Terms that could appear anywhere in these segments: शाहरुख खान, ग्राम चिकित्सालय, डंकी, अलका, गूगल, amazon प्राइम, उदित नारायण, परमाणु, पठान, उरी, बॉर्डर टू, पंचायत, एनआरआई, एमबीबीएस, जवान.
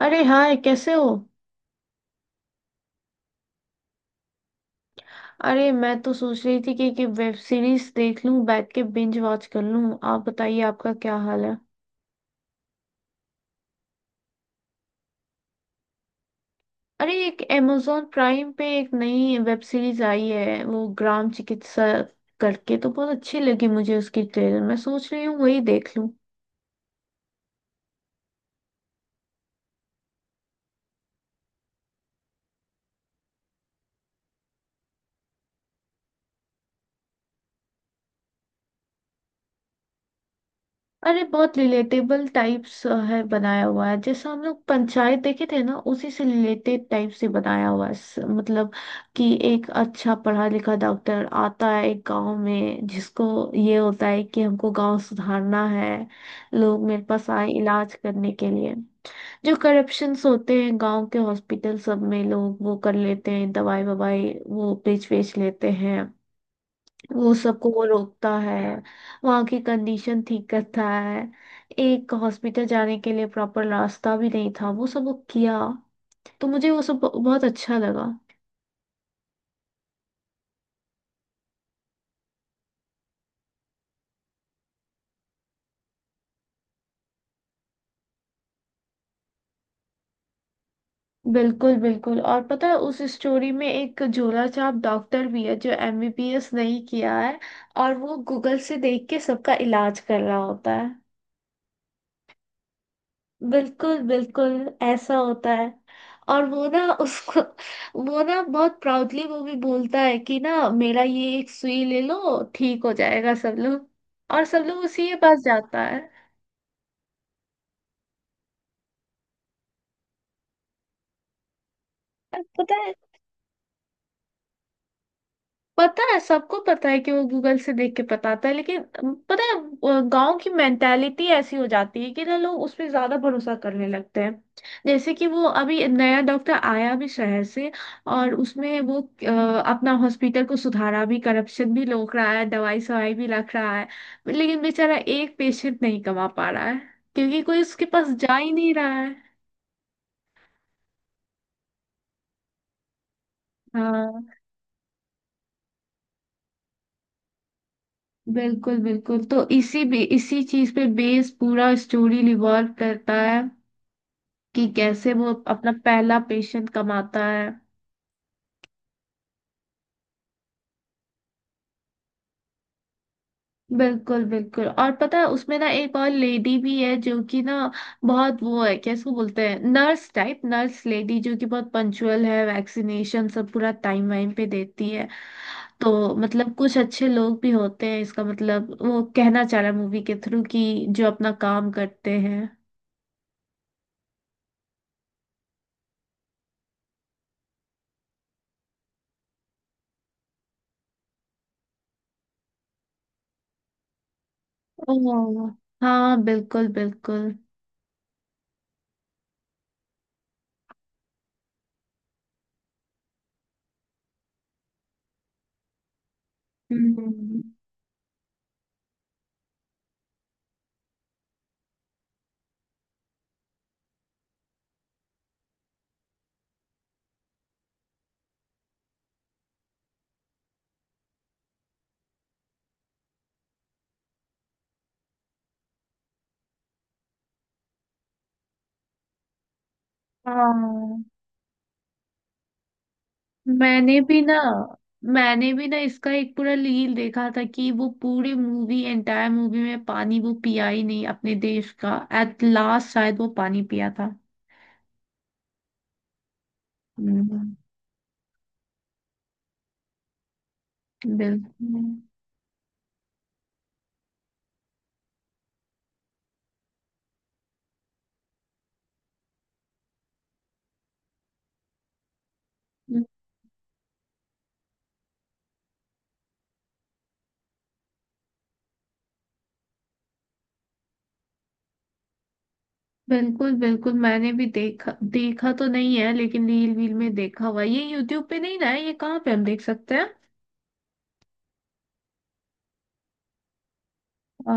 अरे हाय कैसे हो। अरे मैं तो सोच रही थी कि वेब सीरीज देख लूं बैठ के बिंज वॉच कर लूं। आप बताइए आपका क्या हाल है। अरे एक amazon प्राइम पे एक नई वेब सीरीज आई है वो ग्राम चिकित्सा करके, तो बहुत अच्छी लगी मुझे उसकी ट्रेलर। मैं सोच रही हूँ वही देख लूं। अरे बहुत रिलेटेबल टाइप्स है, बनाया हुआ है जैसा हम लोग पंचायत देखे थे ना, उसी से रिलेटेड टाइप से बनाया हुआ है। मतलब कि एक अच्छा पढ़ा लिखा डॉक्टर आता है एक गांव में, जिसको ये होता है कि हमको गांव सुधारना है। लोग मेरे पास आए इलाज करने के लिए। जो करप्शंस होते हैं गांव के हॉस्पिटल सब में, लोग वो कर लेते हैं, दवाई ववाई वो बेच बेच लेते हैं। वो सबको वो रोकता है, वहाँ की कंडीशन ठीक करता है। एक हॉस्पिटल जाने के लिए प्रॉपर रास्ता भी नहीं था, वो सब वो किया। तो मुझे वो सब बहुत अच्छा लगा। बिल्कुल बिल्कुल। और पता है उस स्टोरी में एक झोला छाप डॉक्टर भी है जो एमबीबीएस नहीं किया है, और वो गूगल से देख के सबका इलाज कर रहा होता है। बिल्कुल बिल्कुल, ऐसा होता है। और वो ना उसको, वो ना बहुत प्राउडली वो भी बोलता है कि ना मेरा ये एक सुई ले लो, ठीक हो जाएगा सब लोग। और सब लोग उसी के पास जाता है। अब पता है, पता है सबको पता है कि वो गूगल से देख के बताता है, लेकिन पता है गांव की मेंटालिटी ऐसी हो जाती है कि ना लोग उस पे ज्यादा भरोसा करने लगते हैं। जैसे कि वो अभी नया डॉक्टर आया भी शहर से, और उसमें वो अपना हॉस्पिटल को सुधारा भी, करप्शन भी रोक रहा है, दवाई सवाई भी रख रहा है, लेकिन बेचारा एक पेशेंट नहीं कमा पा रहा है क्योंकि कोई उसके पास जा ही नहीं रहा है। हाँ बिल्कुल बिल्कुल। तो इसी भी इसी चीज पे बेस पूरा स्टोरी रिवॉल्व करता है कि कैसे वो अपना पहला पेशेंट कमाता है। बिल्कुल बिल्कुल। और पता है उसमें ना एक और लेडी भी है, जो कि ना बहुत वो है, क्या इसको बोलते हैं, नर्स टाइप, नर्स लेडी जो कि बहुत पंचुअल है, वैक्सीनेशन सब पूरा टाइम वाइम पे देती है। तो मतलब कुछ अच्छे लोग भी होते हैं, इसका मतलब वो कहना चाह रहा है मूवी के थ्रू कि जो अपना काम करते हैं। ओह, हाँ बिल्कुल बिल्कुल। हम्म हाँ, मैंने भी ना मैंने भी ना इसका एक पूरा रील देखा था कि वो पूरी मूवी एंटायर मूवी में पानी वो पिया ही नहीं अपने देश का, एट लास्ट शायद वो पानी पिया था। हम्म, बिल्कुल। बिल्कुल बिल्कुल मैंने भी देखा देखा तो नहीं है, लेकिन रील वील में देखा हुआ है। ये यूट्यूब पे नहीं ना है, ये कहाँ पे हम देख सकते हैं। अ,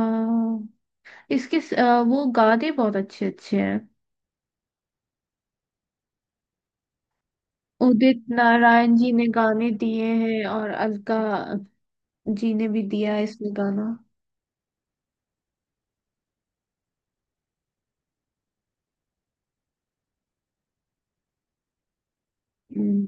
इसके वो गाने बहुत अच्छे अच्छे हैं। उदित नारायण जी ने गाने दिए हैं और अलका जी ने भी दिया इसमें गाना। हम्म,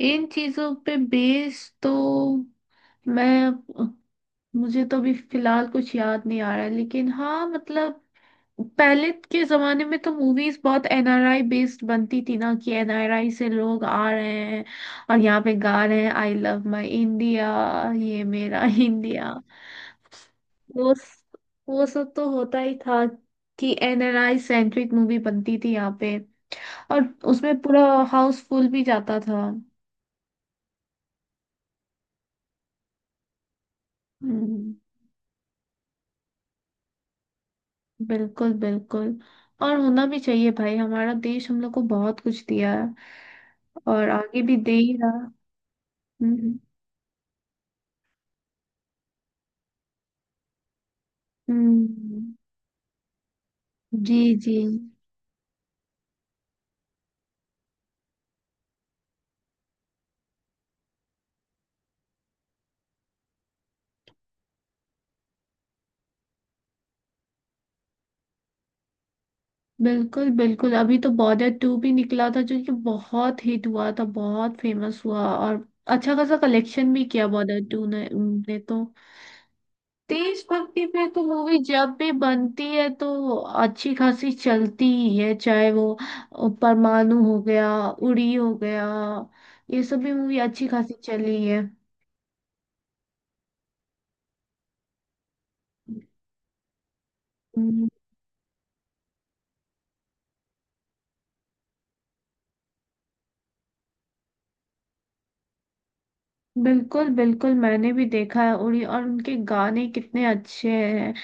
इन चीजों पे बेस तो मैं, मुझे तो अभी फिलहाल कुछ याद नहीं आ रहा है, लेकिन हाँ मतलब पहले के जमाने में तो मूवीज बहुत एनआरआई बेस्ड बनती थी ना, कि एनआरआई से लोग आ रहे हैं और यहाँ पे गा रहे हैं आई लव माई इंडिया, ये मेरा इंडिया। वो वो सब तो होता ही था कि एनआरआई सेंट्रिक मूवी बनती थी यहाँ पे, और उसमें पूरा हाउस फुल भी जाता था। हम्म, बिल्कुल बिल्कुल। और होना भी चाहिए भाई, हमारा देश हम लोग को बहुत कुछ दिया है और आगे भी दे ही रहा। हम्म। हम्म, जी जी। बिल्कुल बिल्कुल, अभी तो बॉर्डर टू भी निकला था जो कि बहुत हिट हुआ था, बहुत फेमस हुआ, और अच्छा खासा कलेक्शन भी किया बॉर्डर टू ने तो। देशभक्ति पे तो मूवी जब भी बनती है तो अच्छी खासी चलती ही है, चाहे वो परमाणु हो गया, उड़ी हो गया, ये सब भी मूवी अच्छी खासी चली है। हम्म, बिल्कुल बिल्कुल, मैंने भी देखा है उरी, और उनके गाने कितने अच्छे हैं।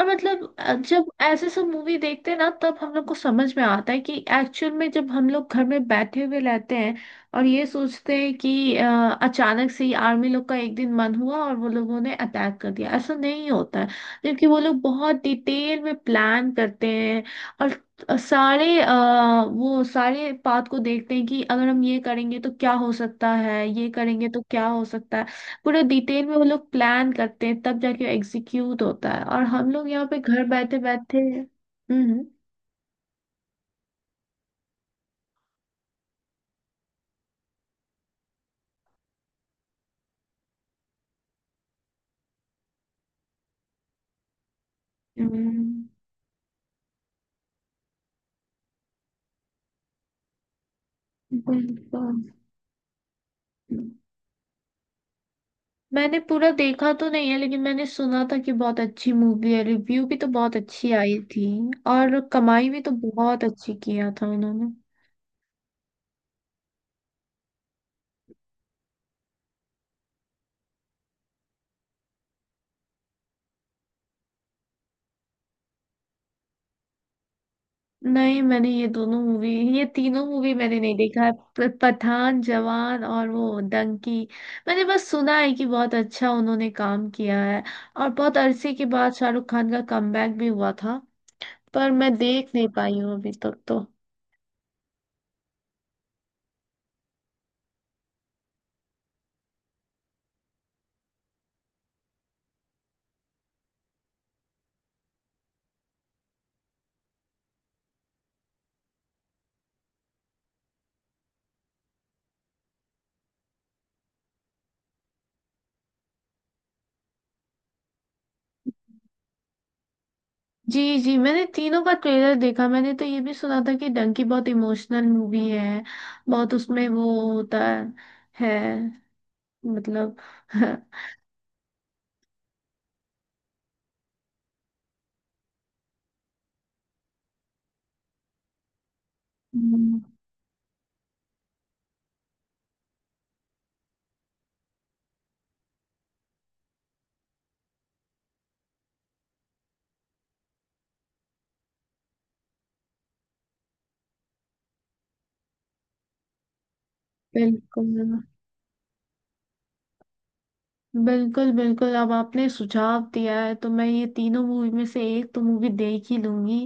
और मतलब जब ऐसे सब मूवी देखते हैं ना, तब हम लोग को समझ में आता है कि एक्चुअल में जब हम लोग घर में बैठे हुए रहते हैं और ये सोचते हैं कि अचानक से ही आर्मी लोग का एक दिन मन हुआ और वो लोगों ने अटैक कर दिया, ऐसा नहीं होता है। जबकि वो लोग बहुत डिटेल में प्लान करते हैं, और सारे वो सारे पाथ को देखते हैं कि अगर हम ये करेंगे तो क्या हो सकता है, ये करेंगे तो क्या हो सकता है। पूरे डिटेल में वो लोग प्लान करते हैं, तब जाके एग्जीक्यूट होता है, और हम लोग यहाँ पे घर बैठे बैठे। हम्म। हम्म, बिल्कुल। मैंने पूरा देखा तो नहीं है, लेकिन मैंने सुना था कि बहुत अच्छी मूवी है, रिव्यू भी तो बहुत अच्छी आई थी और कमाई भी तो बहुत अच्छी किया था उन्होंने। नहीं मैंने ये दोनों मूवी ये तीनों मूवी मैंने नहीं देखा है, पठान, जवान और वो डंकी। मैंने बस सुना है कि बहुत अच्छा उन्होंने काम किया है, और बहुत अरसे के बाद शाहरुख खान का कमबैक भी हुआ था। पर मैं देख नहीं पाई हूँ अभी तक तो। जी जी, मैंने तीनों का ट्रेलर देखा। मैंने तो ये भी सुना था कि डंकी बहुत इमोशनल मूवी है, बहुत उसमें वो होता है, मतलब हम्म, बिल्कुल बिल्कुल बिल्कुल। अब आपने सुझाव दिया है तो मैं ये तीनों मूवी में से एक तो मूवी देख ही लूंगी।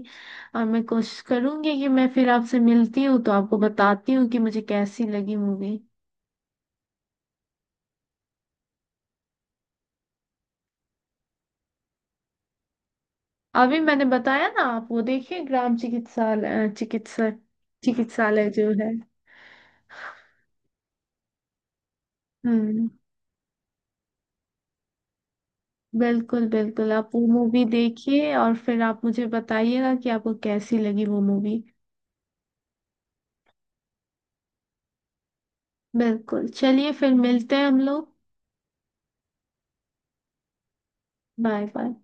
और मैं कोशिश करूंगी कि मैं फिर आपसे मिलती हूँ तो आपको बताती हूँ कि मुझे कैसी लगी मूवी। अभी मैंने बताया ना, आप वो देखिए ग्राम चिकित्सालय, चिकित्सालय जो है। हम्म बिल्कुल बिल्कुल, आप वो मूवी देखिए और फिर आप मुझे बताइएगा कि आपको कैसी लगी वो मूवी। बिल्कुल, चलिए फिर मिलते हैं हम लोग। Bye bye.